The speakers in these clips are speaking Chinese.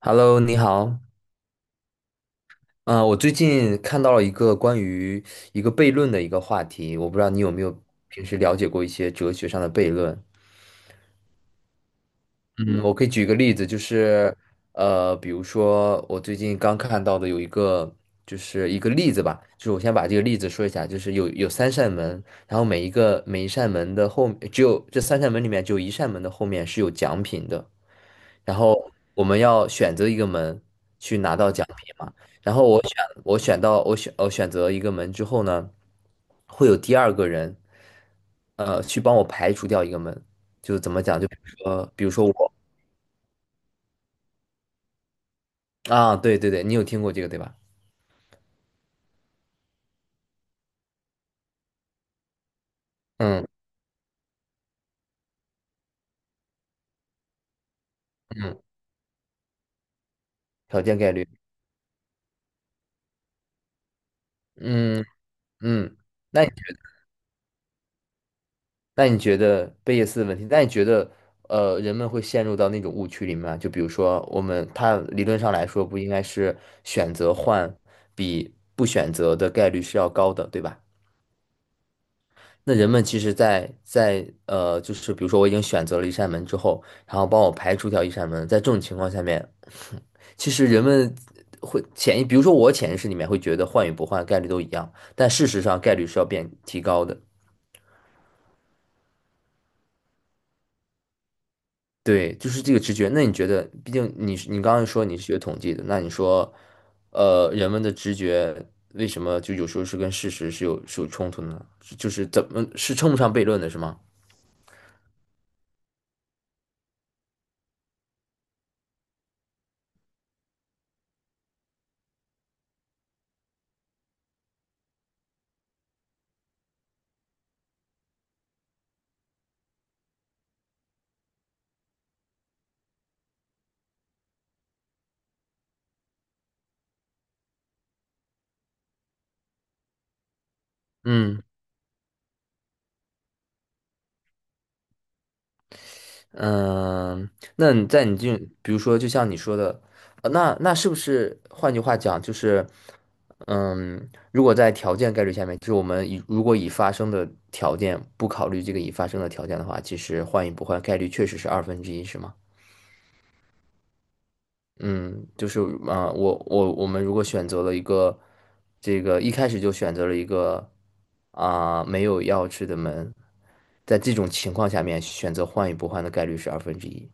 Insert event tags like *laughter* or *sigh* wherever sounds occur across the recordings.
Hello，你好。嗯、我最近看到了一个关于一个悖论的一个话题，我不知道你有没有平时了解过一些哲学上的悖论。嗯，我可以举个例子，就是，比如说我最近刚看到的有一个，就是一个例子吧，就是我先把这个例子说一下，就是有三扇门，然后每一扇门的后，只有这三扇门里面只有一扇门的后面是有奖品的，然后我们要选择一个门去拿到奖品嘛，然后我选我选到我选我选择一个门之后呢，会有第二个人，去帮我排除掉一个门，就是怎么讲，就比如说我。啊，对对对，你有听过这个对吧？嗯，条件概率，嗯嗯，那你那你觉得贝叶斯的问题？那你觉得人们会陷入到那种误区里面吗？就比如说，我们它理论上来说，不应该是选择换比不选择的概率是要高的，对吧？那人们其实在，就是比如说我已经选择了一扇门之后，然后帮我排除掉一扇门，在这种情况下面，*laughs* 其实人们会比如说我潜意识里面会觉得换与不换概率都一样，但事实上概率是要变提高的。对，就是这个直觉。那你觉得，毕竟你刚刚说你是学统计的，那你说人们的直觉为什么就有时候是跟事实是有冲突呢？是就是怎么是称不上悖论的，是吗？嗯。嗯，那你在你这，比如说，就像你说的，那是不是换句话讲，就是，如果在条件概率下面，就是我们以如果已发生的条件不考虑这个已发生的条件的话，其实换与不换概率确实是二分之一，是吗？嗯，就是我们如果选择了一个这个一开始就选择了一个没有钥匙的门，在这种情况下面选择换与不换的概率是二分之一。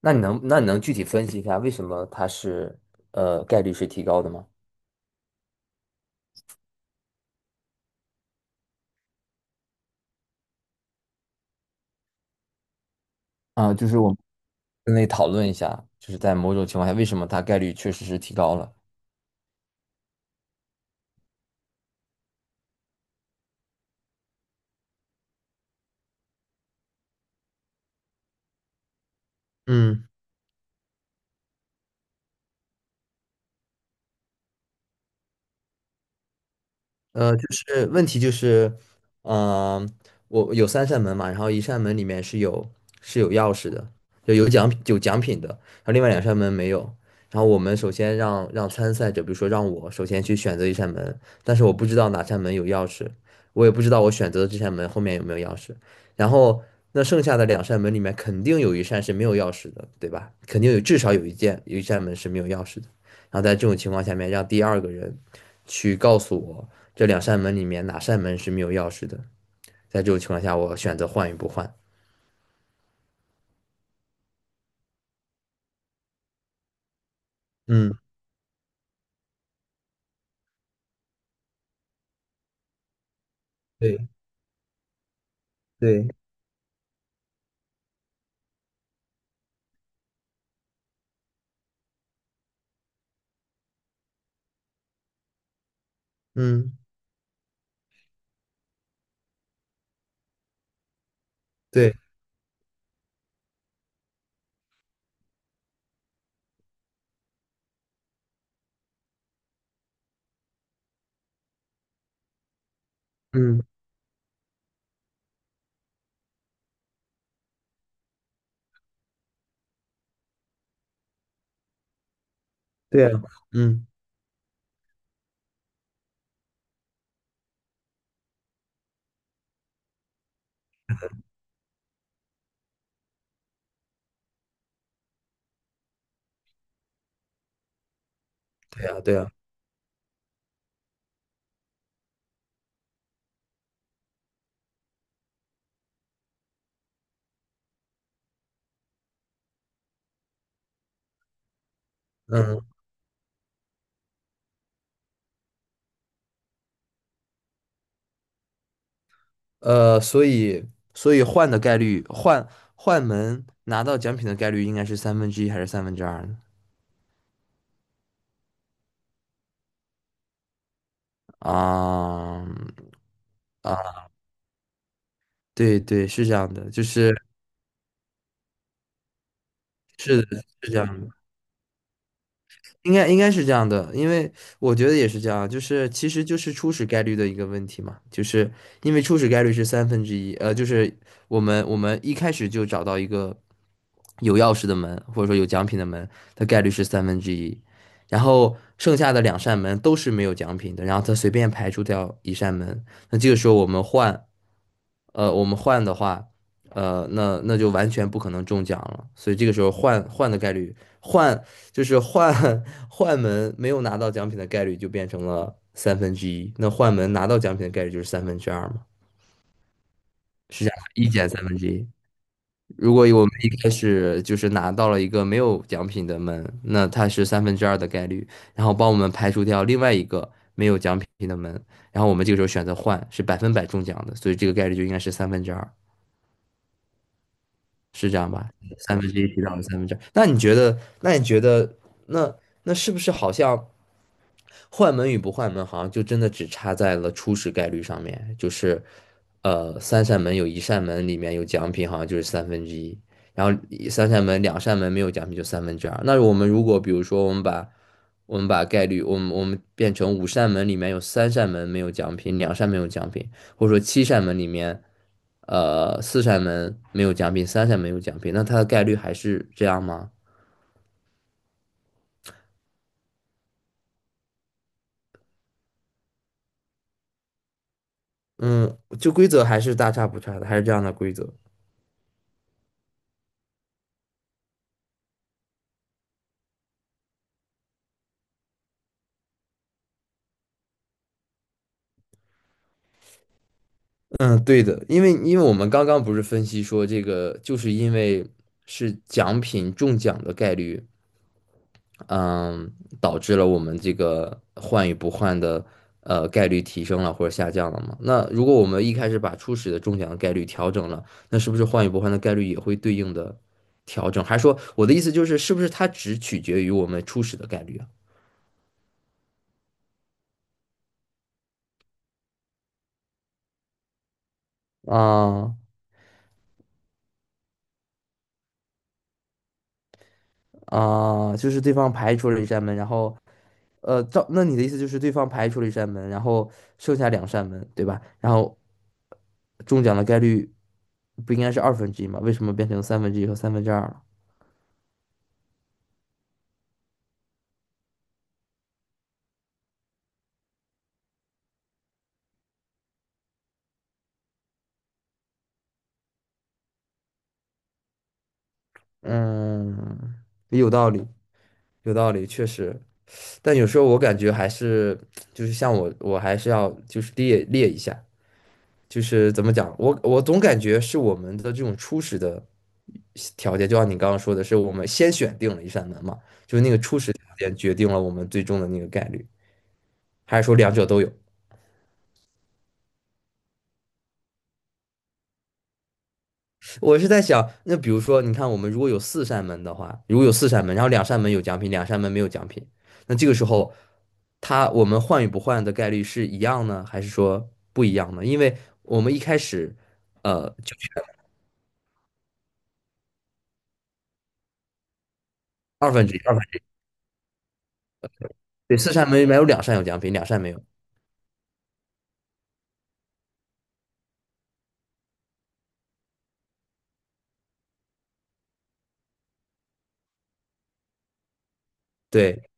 那你能具体分析一下为什么它是概率是提高的吗？就是我们分类讨论一下，就是在某种情况下，为什么它概率确实是提高了？嗯。就是问题就是，嗯、我有三扇门嘛，然后一扇门里面是有钥匙的，就有奖品的，然后另外两扇门没有。然后我们首先让参赛者，比如说让我首先去选择一扇门，但是我不知道哪扇门有钥匙，我也不知道我选择的这扇门后面有没有钥匙。然后那剩下的两扇门里面肯定有一扇是没有钥匙的，对吧？肯定有至少有一件有一扇门是没有钥匙的，然后在这种情况下面，让第二个人去告诉我。这两扇门里面哪扇门是没有钥匙的？在这种情况下，我选择换与不换。嗯，对，对，嗯，对，嗯，对啊，嗯，对啊，对啊，嗯，呃，所以，所以换的概率，换门拿到奖品的概率应该是三分之一还是三分之二呢？啊啊，对对，是这样的，就是是的是这样的。应该是这样的，因为我觉得也是这样，就是其实就是初始概率的一个问题嘛，就是因为初始概率是三分之一，就是我们一开始就找到一个有钥匙的门，或者说有奖品的门，它概率是三分之一，然后剩下的两扇门都是没有奖品的，然后它随便排除掉一扇门，那这个时候我们换。我们换的话，那就完全不可能中奖了。所以这个时候换换的概率，换就是换 *laughs* 换门没有拿到奖品的概率就变成了三分之一。那换门拿到奖品的概率就是三分之二嘛，是这样，一减三分之一。如果我们一开始就是拿到了一个没有奖品的门，那它是三分之二的概率，然后帮我们排除掉另外一个没有奖品的门，然后我们这个时候选择换是百分百中奖的，所以这个概率就应该是三分之二。是这样吧？三分之一提到了三分之二。那你觉得？那那是不是好像换门与不换门，好像就真的只差在了初始概率上面？就是，三扇门有一扇门里面有奖品，好像就是三分之一。然后一三扇门、两扇门没有奖品就三分之二。那我们如果比如说我们把概率，我们变成五扇门里面有三扇门没有奖品，两扇没有奖品，或者说七扇门里面四扇门没有奖品，三扇门有奖品，那它的概率还是这样吗？嗯，就规则还是大差不差的，还是这样的规则。嗯，对的，因为我们刚刚不是分析说这个，就是因为是奖品中奖的概率嗯，导致了我们这个换与不换的概率提升了或者下降了嘛？那如果我们一开始把初始的中奖的概率调整了，那是不是换与不换的概率也会对应的调整？还是说我的意思就是，是不是它只取决于我们初始的概率啊？啊啊，就是对方排除了一扇门，然后那你的意思就是对方排除了一扇门，然后剩下两扇门，对吧？然后中奖的概率不应该是二分之一吗？为什么变成三分之一和三分之二了？嗯，有道理，有道理，确实。但有时候我感觉还是，就是像我还是要就是列列一下，就是怎么讲，我总感觉是我们的这种初始的条件，就像你刚刚说的是，我们先选定了一扇门嘛，就是那个初始条件决定了我们最终的那个概率，还是说两者都有？我是在想，那比如说，你看我们如果有四扇门，然后两扇门有奖品，两扇门没有奖品，那这个时候，它我们换与不换的概率是一样呢，还是说不一样呢？因为我们一开始，就是二分之一，二分之一，对，四扇门里面有两扇有奖品，两扇没有，对，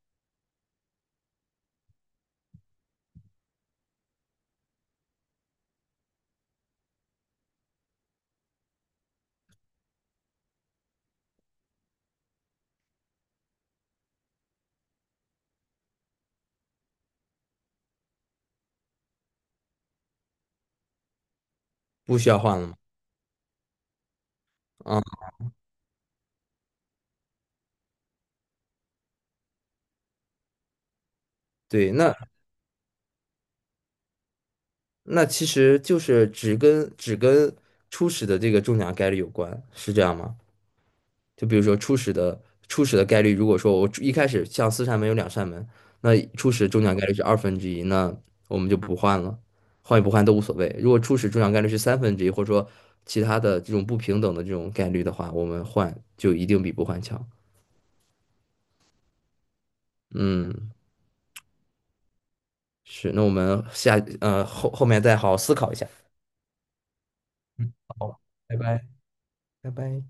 不需要换了嘛？啊，对，那其实就是只跟初始的这个中奖概率有关，是这样吗？就比如说初始的概率，如果说我一开始像四扇门有两扇门，那初始中奖概率是二分之一，那我们就不换了，换与不换都无所谓。如果初始中奖概率是三分之一，或者说其他的这种不平等的这种概率的话，我们换就一定比不换强。嗯，是，那我们后面再好好思考一下。好，拜拜，拜拜。